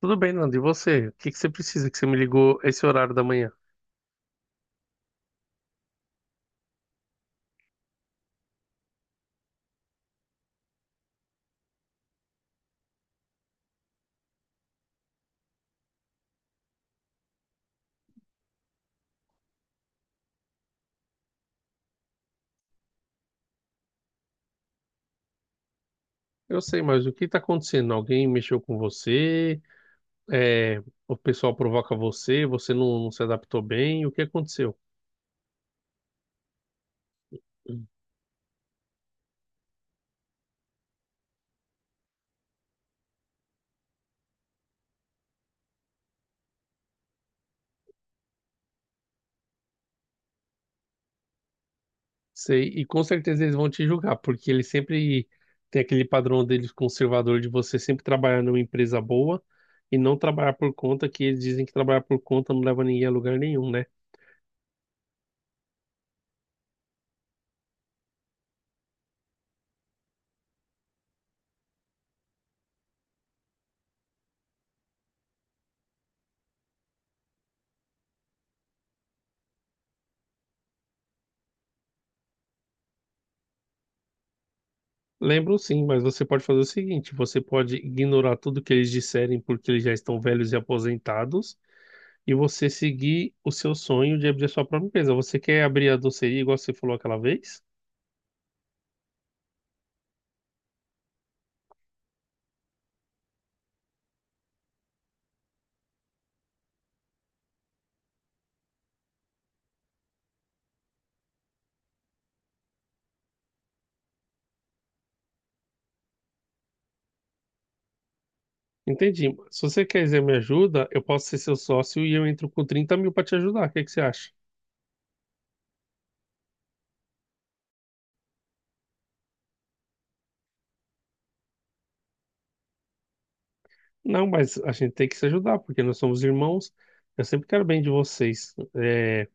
Tudo bem, Nando. E você? O que que você precisa que você me ligou esse horário da manhã? Eu sei, mas o que está acontecendo? Alguém mexeu com você? É, o pessoal provoca você? Você não se adaptou bem? O que aconteceu? Sei, e com certeza eles vão te julgar, porque eles sempre têm aquele padrão deles conservador de você sempre trabalhar numa empresa boa e não trabalhar por conta, que eles dizem que trabalhar por conta não leva ninguém a lugar nenhum, né? Lembram sim, mas você pode fazer o seguinte: você pode ignorar tudo que eles disserem porque eles já estão velhos e aposentados, e você seguir o seu sonho de abrir a sua própria empresa. Você quer abrir a doceria igual você falou aquela vez? Entendi. Se você quiser me ajuda, eu posso ser seu sócio e eu entro com 30 mil para te ajudar. O que que você acha? Não, mas a gente tem que se ajudar, porque nós somos irmãos. Eu sempre quero bem de vocês.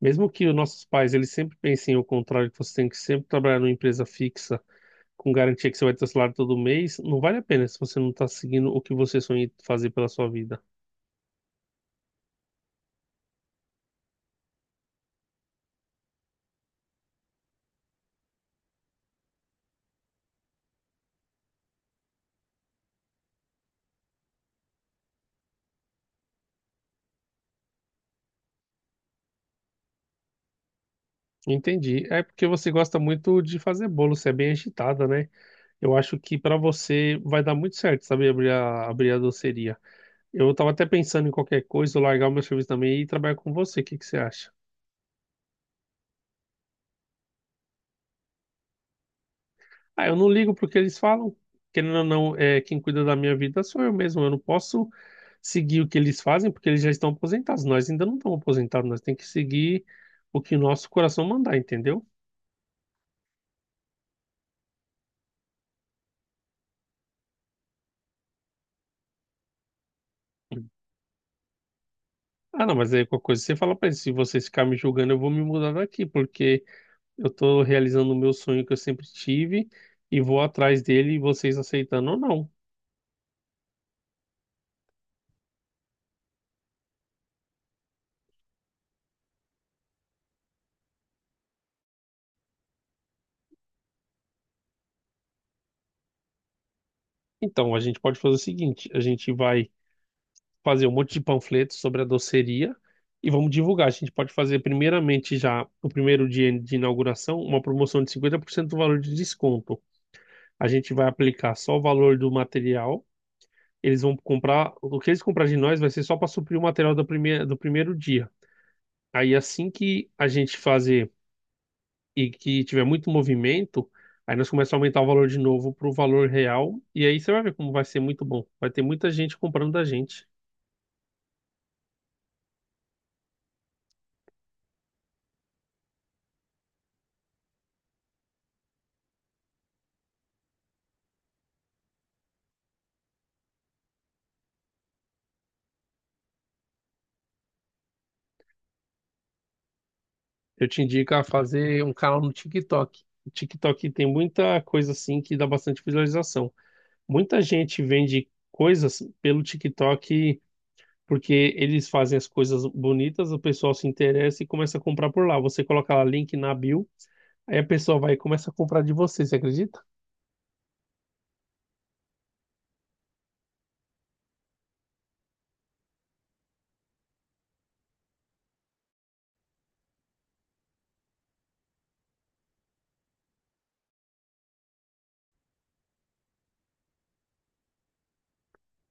Mesmo que os nossos pais eles sempre pensem o contrário, que você tem que sempre trabalhar numa empresa fixa com garantia que você vai ter salário todo mês, não vale a pena se você não está seguindo o que você sonha em fazer pela sua vida. Entendi. É porque você gosta muito de fazer bolo, você é bem agitada, né? Eu acho que para você vai dar muito certo, sabe, abrir a doceria. Eu estava até pensando em qualquer coisa, eu largar o meu serviço também e ir trabalhar com você. O que que você acha? Ah, eu não ligo pro que eles falam. Querendo ou não, quem cuida da minha vida sou eu mesmo. Eu não posso seguir o que eles fazem porque eles já estão aposentados. Nós ainda não estamos aposentados, nós temos que seguir o que o nosso coração mandar, entendeu? Ah, não, mas aí qualquer coisa você fala pra eles, se vocês ficarem me julgando, eu vou me mudar daqui, porque eu tô realizando o meu sonho que eu sempre tive e vou atrás dele, vocês aceitando ou não. Então, a gente pode fazer o seguinte, a gente vai fazer um monte de panfletos sobre a doceria e vamos divulgar. A gente pode fazer, primeiramente, já no primeiro dia de inauguração, uma promoção de 50% do valor de desconto. A gente vai aplicar só o valor do material. Eles vão comprar, o que eles comprar de nós vai ser só para suprir o material do primeiro dia. Aí, assim que a gente fazer e que tiver muito movimento, aí nós começamos a aumentar o valor de novo para o valor real. E aí você vai ver como vai ser muito bom. Vai ter muita gente comprando da gente. Eu te indico a fazer um canal no TikTok. O TikTok tem muita coisa assim que dá bastante visualização. Muita gente vende coisas pelo TikTok porque eles fazem as coisas bonitas, o pessoal se interessa e começa a comprar por lá. Você coloca lá link na bio, aí a pessoa vai e começa a comprar de você, você acredita?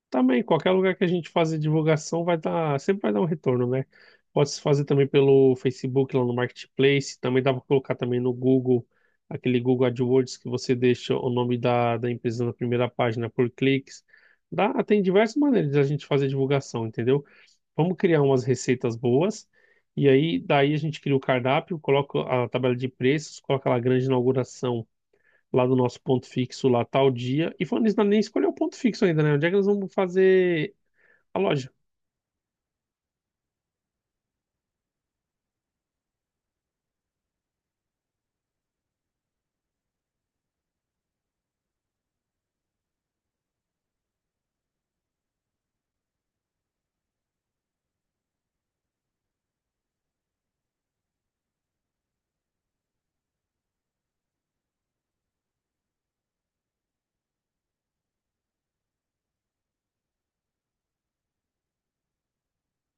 Também, qualquer lugar que a gente fazer divulgação vai dar, sempre vai dar um retorno, né? Pode se fazer também pelo Facebook lá no Marketplace, também dá para colocar também no Google, aquele Google AdWords que você deixa o nome da empresa na primeira página por cliques. Dá, tem diversas maneiras de a gente fazer divulgação, entendeu? Vamos criar umas receitas boas, e aí daí a gente cria o cardápio, coloca a tabela de preços, coloca lá a grande inauguração lá do nosso ponto fixo lá tal dia. E falando nisso, nós nem escolheu o ponto fixo ainda, né? Onde é que nós vamos fazer a loja.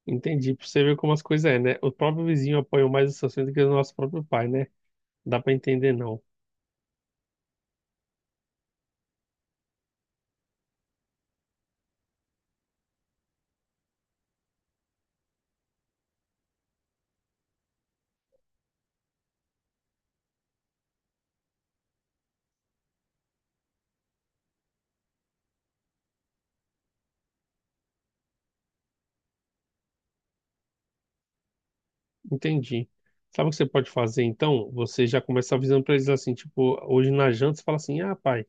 Entendi, pra você ver como as coisas é, né? O próprio vizinho apoiou mais essa cena do que o nosso próprio pai, né? Dá pra entender, não. Entendi. Sabe o que você pode fazer, então? Você já começa avisando pra eles assim, tipo, hoje na janta você fala assim, ah, pai,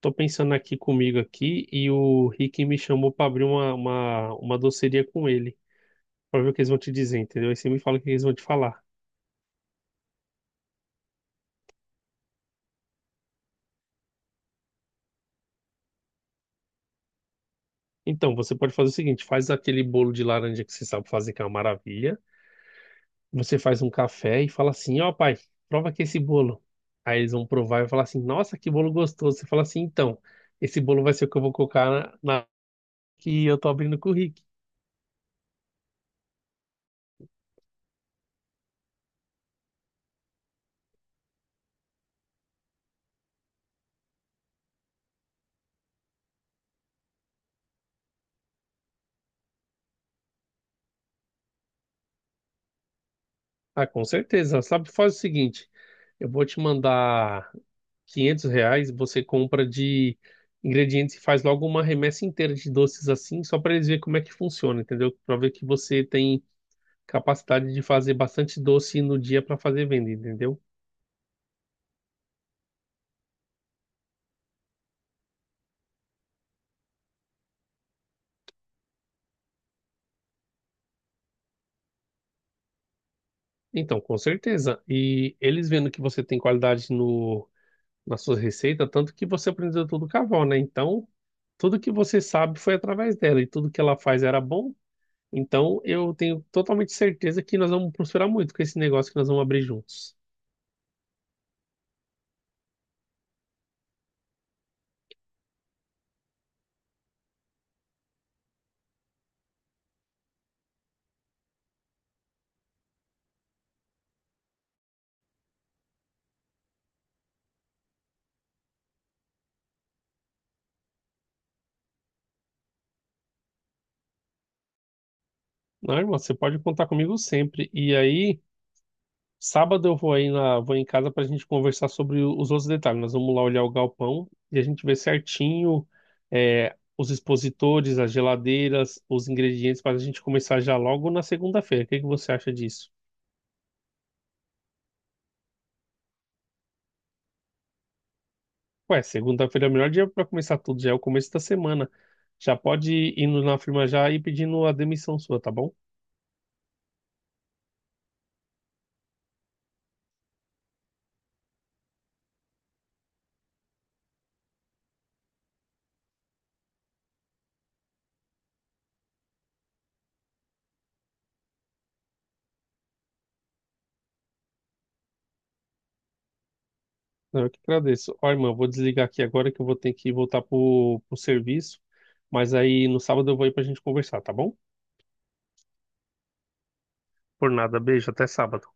tô pensando aqui comigo aqui e o Rick me chamou pra abrir uma doceria com ele, pra ver o que eles vão te dizer, entendeu? Aí você me fala o que eles vão te falar. Então, você pode fazer o seguinte, faz aquele bolo de laranja que você sabe fazer, que é uma maravilha. Você faz um café e fala assim: Ó, pai, prova aqui esse bolo. Aí eles vão provar e vão falar assim: Nossa, que bolo gostoso. Você fala assim: Então, esse bolo vai ser o que eu vou colocar na que eu tô abrindo com o Rick. Ah, com certeza. Sabe, faz o seguinte: Eu vou te mandar R$ 500. Você compra de ingredientes e faz logo uma remessa inteira de doces assim, só para eles verem como é que funciona, entendeu? Para ver que você tem capacidade de fazer bastante doce no dia para fazer venda, entendeu? Então, com certeza. E eles vendo que você tem qualidade no, na sua receita, tanto que você aprendeu tudo com a avó, né? Então, tudo que você sabe foi através dela e tudo que ela faz era bom. Então, eu tenho totalmente certeza que nós vamos prosperar muito com esse negócio que nós vamos abrir juntos. Não, irmão, você pode contar comigo sempre. E aí. Sábado eu vou aí na, vou em casa para a gente conversar sobre o- os outros detalhes. Nós vamos lá olhar o galpão e a gente vê certinho os expositores, as geladeiras, os ingredientes para a gente começar já logo na segunda-feira. O que que você acha disso? Ué, segunda-feira é o melhor dia para começar tudo, já é o começo da semana. Já pode ir indo na firma já e pedindo a demissão sua, tá bom? Não, eu que agradeço. Ó, irmã, eu vou desligar aqui agora que eu vou ter que voltar pro serviço, mas aí no sábado eu vou aí para a gente conversar, tá bom? Por nada, beijo, até sábado.